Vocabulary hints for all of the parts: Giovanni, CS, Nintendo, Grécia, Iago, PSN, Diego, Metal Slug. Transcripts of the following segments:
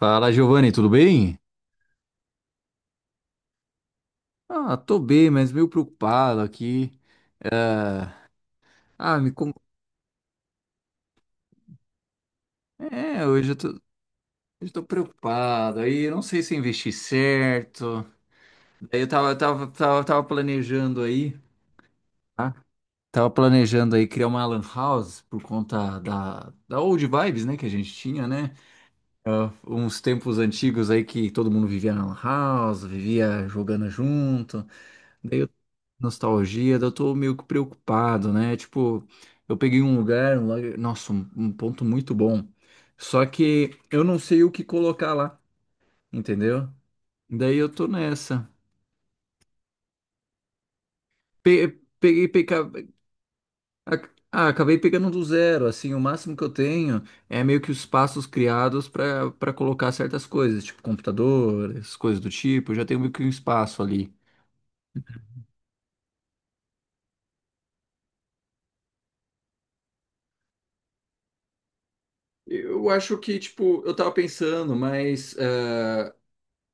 Fala, Giovanni, tudo bem? Ah, tô bem, mas meio preocupado aqui. Ah, me com... É, hoje eu tô preocupado. Aí eu não sei se eu investi certo. Daí eu tava planejando aí, tá? Tava planejando aí criar uma lan house por conta da old vibes, né, que a gente tinha, né? Ah, uns tempos antigos aí que todo mundo vivia na lan house, vivia jogando junto. Daí nostalgia, daí eu tô meio que preocupado, né? Tipo, eu peguei nossa, um ponto muito bom. Só que eu não sei o que colocar lá, entendeu? Daí eu tô nessa. Pe- peguei, peca- ac- ah, Acabei pegando do zero, assim. O máximo que eu tenho é meio que os passos criados para colocar certas coisas, tipo computador, essas coisas do tipo. Eu já tenho meio que um espaço ali. Eu acho que, tipo, eu tava pensando, mas...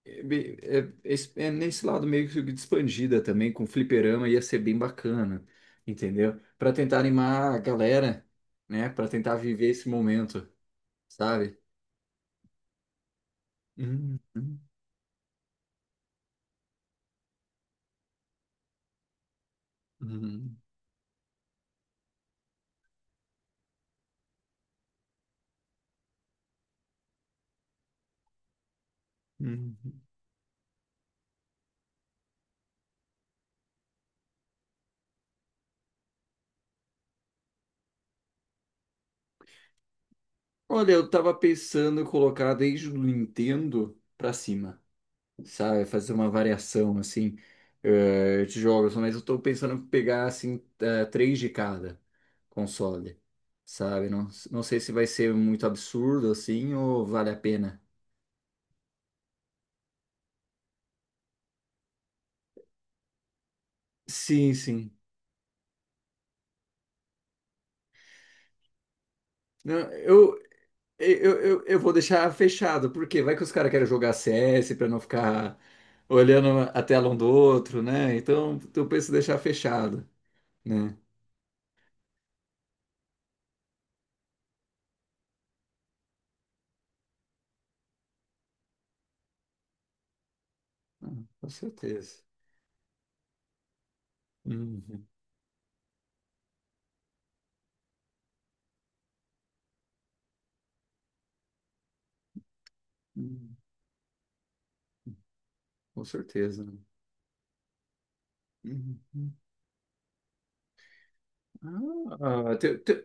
É nesse lado meio que de expandida também, com fliperama ia ser bem bacana, entendeu? Pra tentar animar a galera, né? Pra tentar viver esse momento, sabe? Uhum, uhum, uhum. Olha, eu tava pensando em colocar desde o Nintendo pra cima, sabe? Fazer uma variação, assim, de jogos. Mas eu tô pensando em pegar, assim, três de cada console, sabe? Não, não sei se vai ser muito absurdo, assim, ou vale a pena. Sim, sim. Não, eu vou deixar fechado, porque vai que os caras querem jogar CS pra não ficar olhando a tela um do outro, né? Então, eu penso em deixar fechado, né? Ah, com certeza. Uhum. Uhum. Com certeza, né? Uhum. Ah, tem, tem,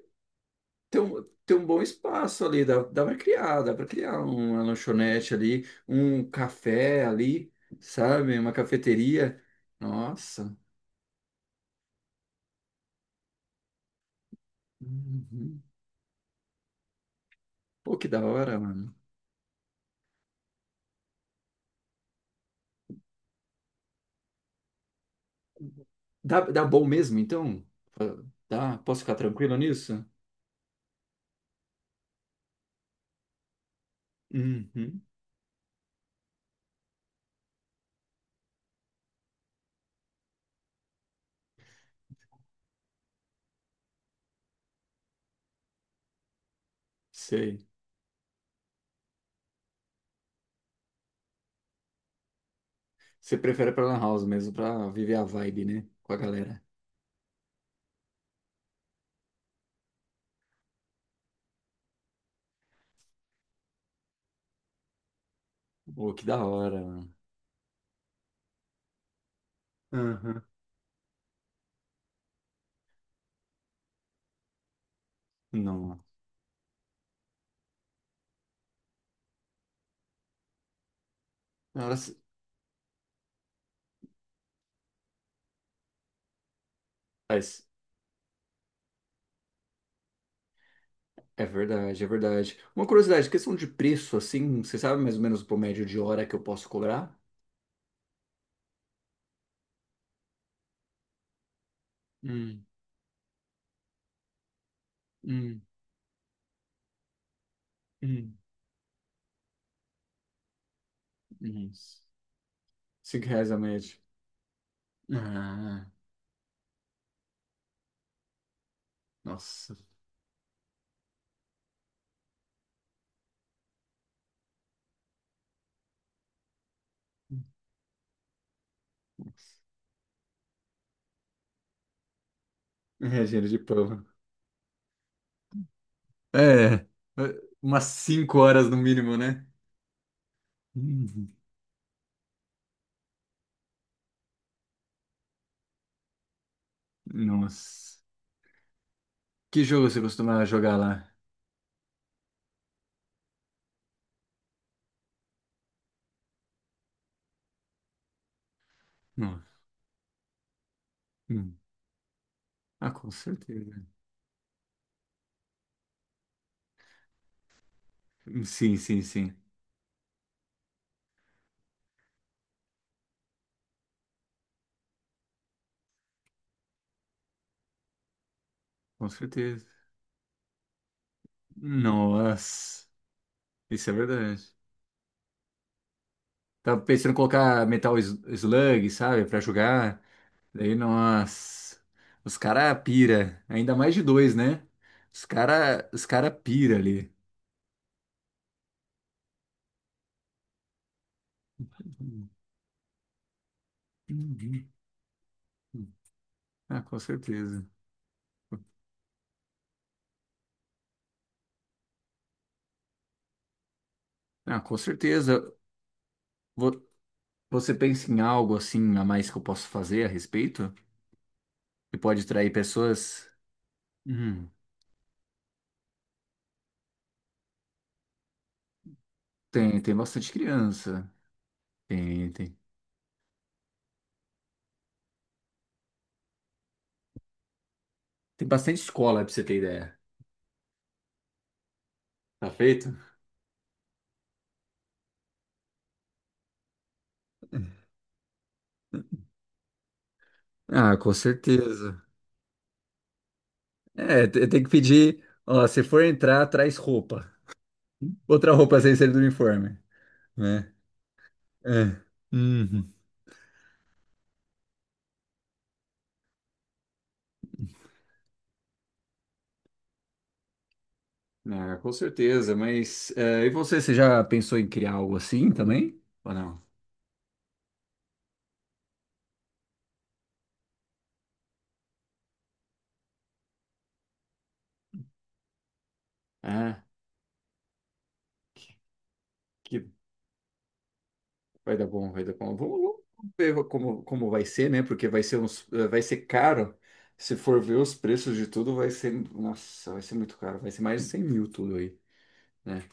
tem um, tem um bom espaço ali. Dá para criar, uma lanchonete ali, um café ali, sabe? Uma cafeteria. Nossa. Uhum. Pô, que da hora, mano. Dá bom mesmo, então? Fa- Dá? Posso ficar tranquilo nisso? Uhum. Sei. Você prefere pra Lan House mesmo, pra viver a vibe, né? Com a galera. Pô, que da hora, mano. Uhum. Não. Nossa. Mas é verdade, é verdade. Uma curiosidade, questão de preço, assim, você sabe mais ou menos o médio de hora que eu posso cobrar? Hum, hum, hum, hum. R$ 5 a média. Ah, nossa. Nossa. É, dinheiro de pão. É, umas 5 horas no mínimo, né? Uhum. Nossa. Que jogo você costumava jogar lá? Não. Hum. Ah, com certeza. Sim, sim, sim. Com certeza. Nossa. Isso é verdade. Tava pensando em colocar Metal Slug, sabe? Pra jogar. Daí, nossa. Os cara pira. Ainda mais de dois, né? Os cara pira ali. Ah, com certeza. Ah, com certeza. Vo- Você pensa em algo assim a mais que eu posso fazer a respeito? Que pode atrair pessoas? Hum. Tem, tem bastante criança. Tem, tem. Tem bastante escola, pra você ter ideia. Tá feito? Ah, com certeza. É, tem que pedir, ó, se for entrar, traz roupa. Outra roupa sem ser do uniforme, né? É. Uhum. Ah, com certeza, mas e você já pensou em criar algo assim também? Ou não? Ah, que vai dar bom, vai dar bom. Vamos ver como, como vai ser, né? Porque vai ser vai ser caro. Se for ver os preços de tudo, vai ser, nossa, vai ser muito caro. Vai ser mais de 100 mil tudo aí, né?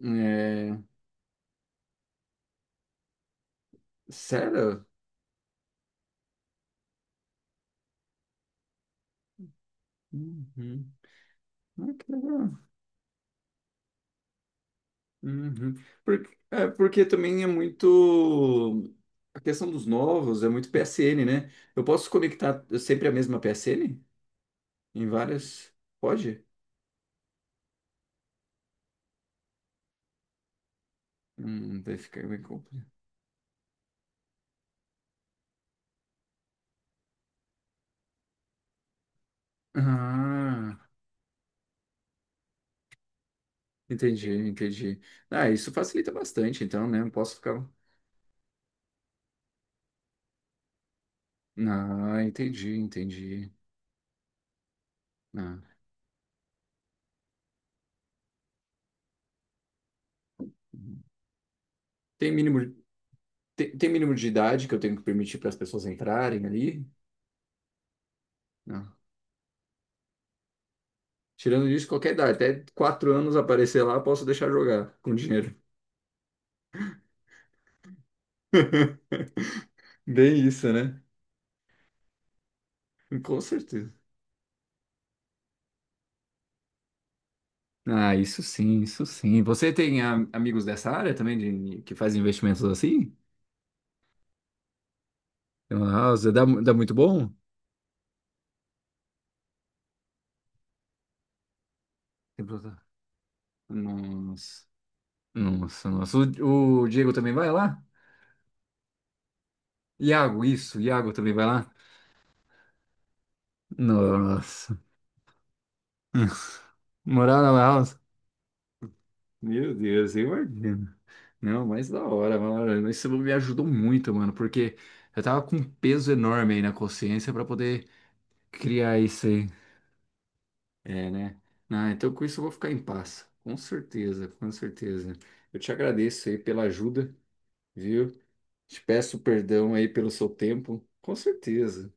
É, sério? Uhum. Ah, que legal. Uhum. Porque, é, porque também é muito. A questão dos novos é muito PSN, né? Eu posso conectar sempre a mesma PSN? Em várias? Pode? Daí fica bem complicado. Ah, entendi, entendi. Ah, isso facilita bastante, então, né? Eu posso ficar. Ah, entendi, entendi. Ah. Tem mínimo, tem mínimo de idade que eu tenho que permitir para as pessoas entrarem ali? Não. Tirando isso, qualquer idade, até 4 anos aparecer lá, posso deixar jogar com dinheiro. Bem isso, né? Com certeza. Ah, isso sim, isso sim. Você tem amigos dessa área também que fazem investimentos assim? Nossa, dá, dá muito bom? Tem plata-. Nossa, nossa, nossa. O Diego também vai lá? Iago, isso, o Iago também vai lá? Nossa. Morar na house. Meu Deus, eu imagino. Não, mas da hora, mano. Isso me ajudou muito, mano, porque eu tava com um peso enorme aí na consciência pra poder criar isso aí. É, né? Ah, então com isso eu vou ficar em paz. Com certeza, com certeza. Eu te agradeço aí pela ajuda, viu? Te peço perdão aí pelo seu tempo. Com certeza.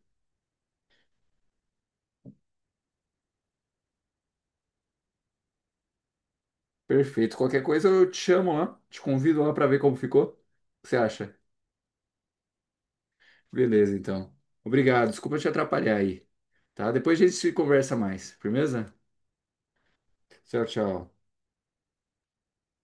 Perfeito. Qualquer coisa eu te chamo lá, te convido lá para ver como ficou. O que você acha? Beleza, então. Obrigado. Desculpa te atrapalhar aí, tá? Depois a gente se conversa mais. Firmeza? Tchau, tchau.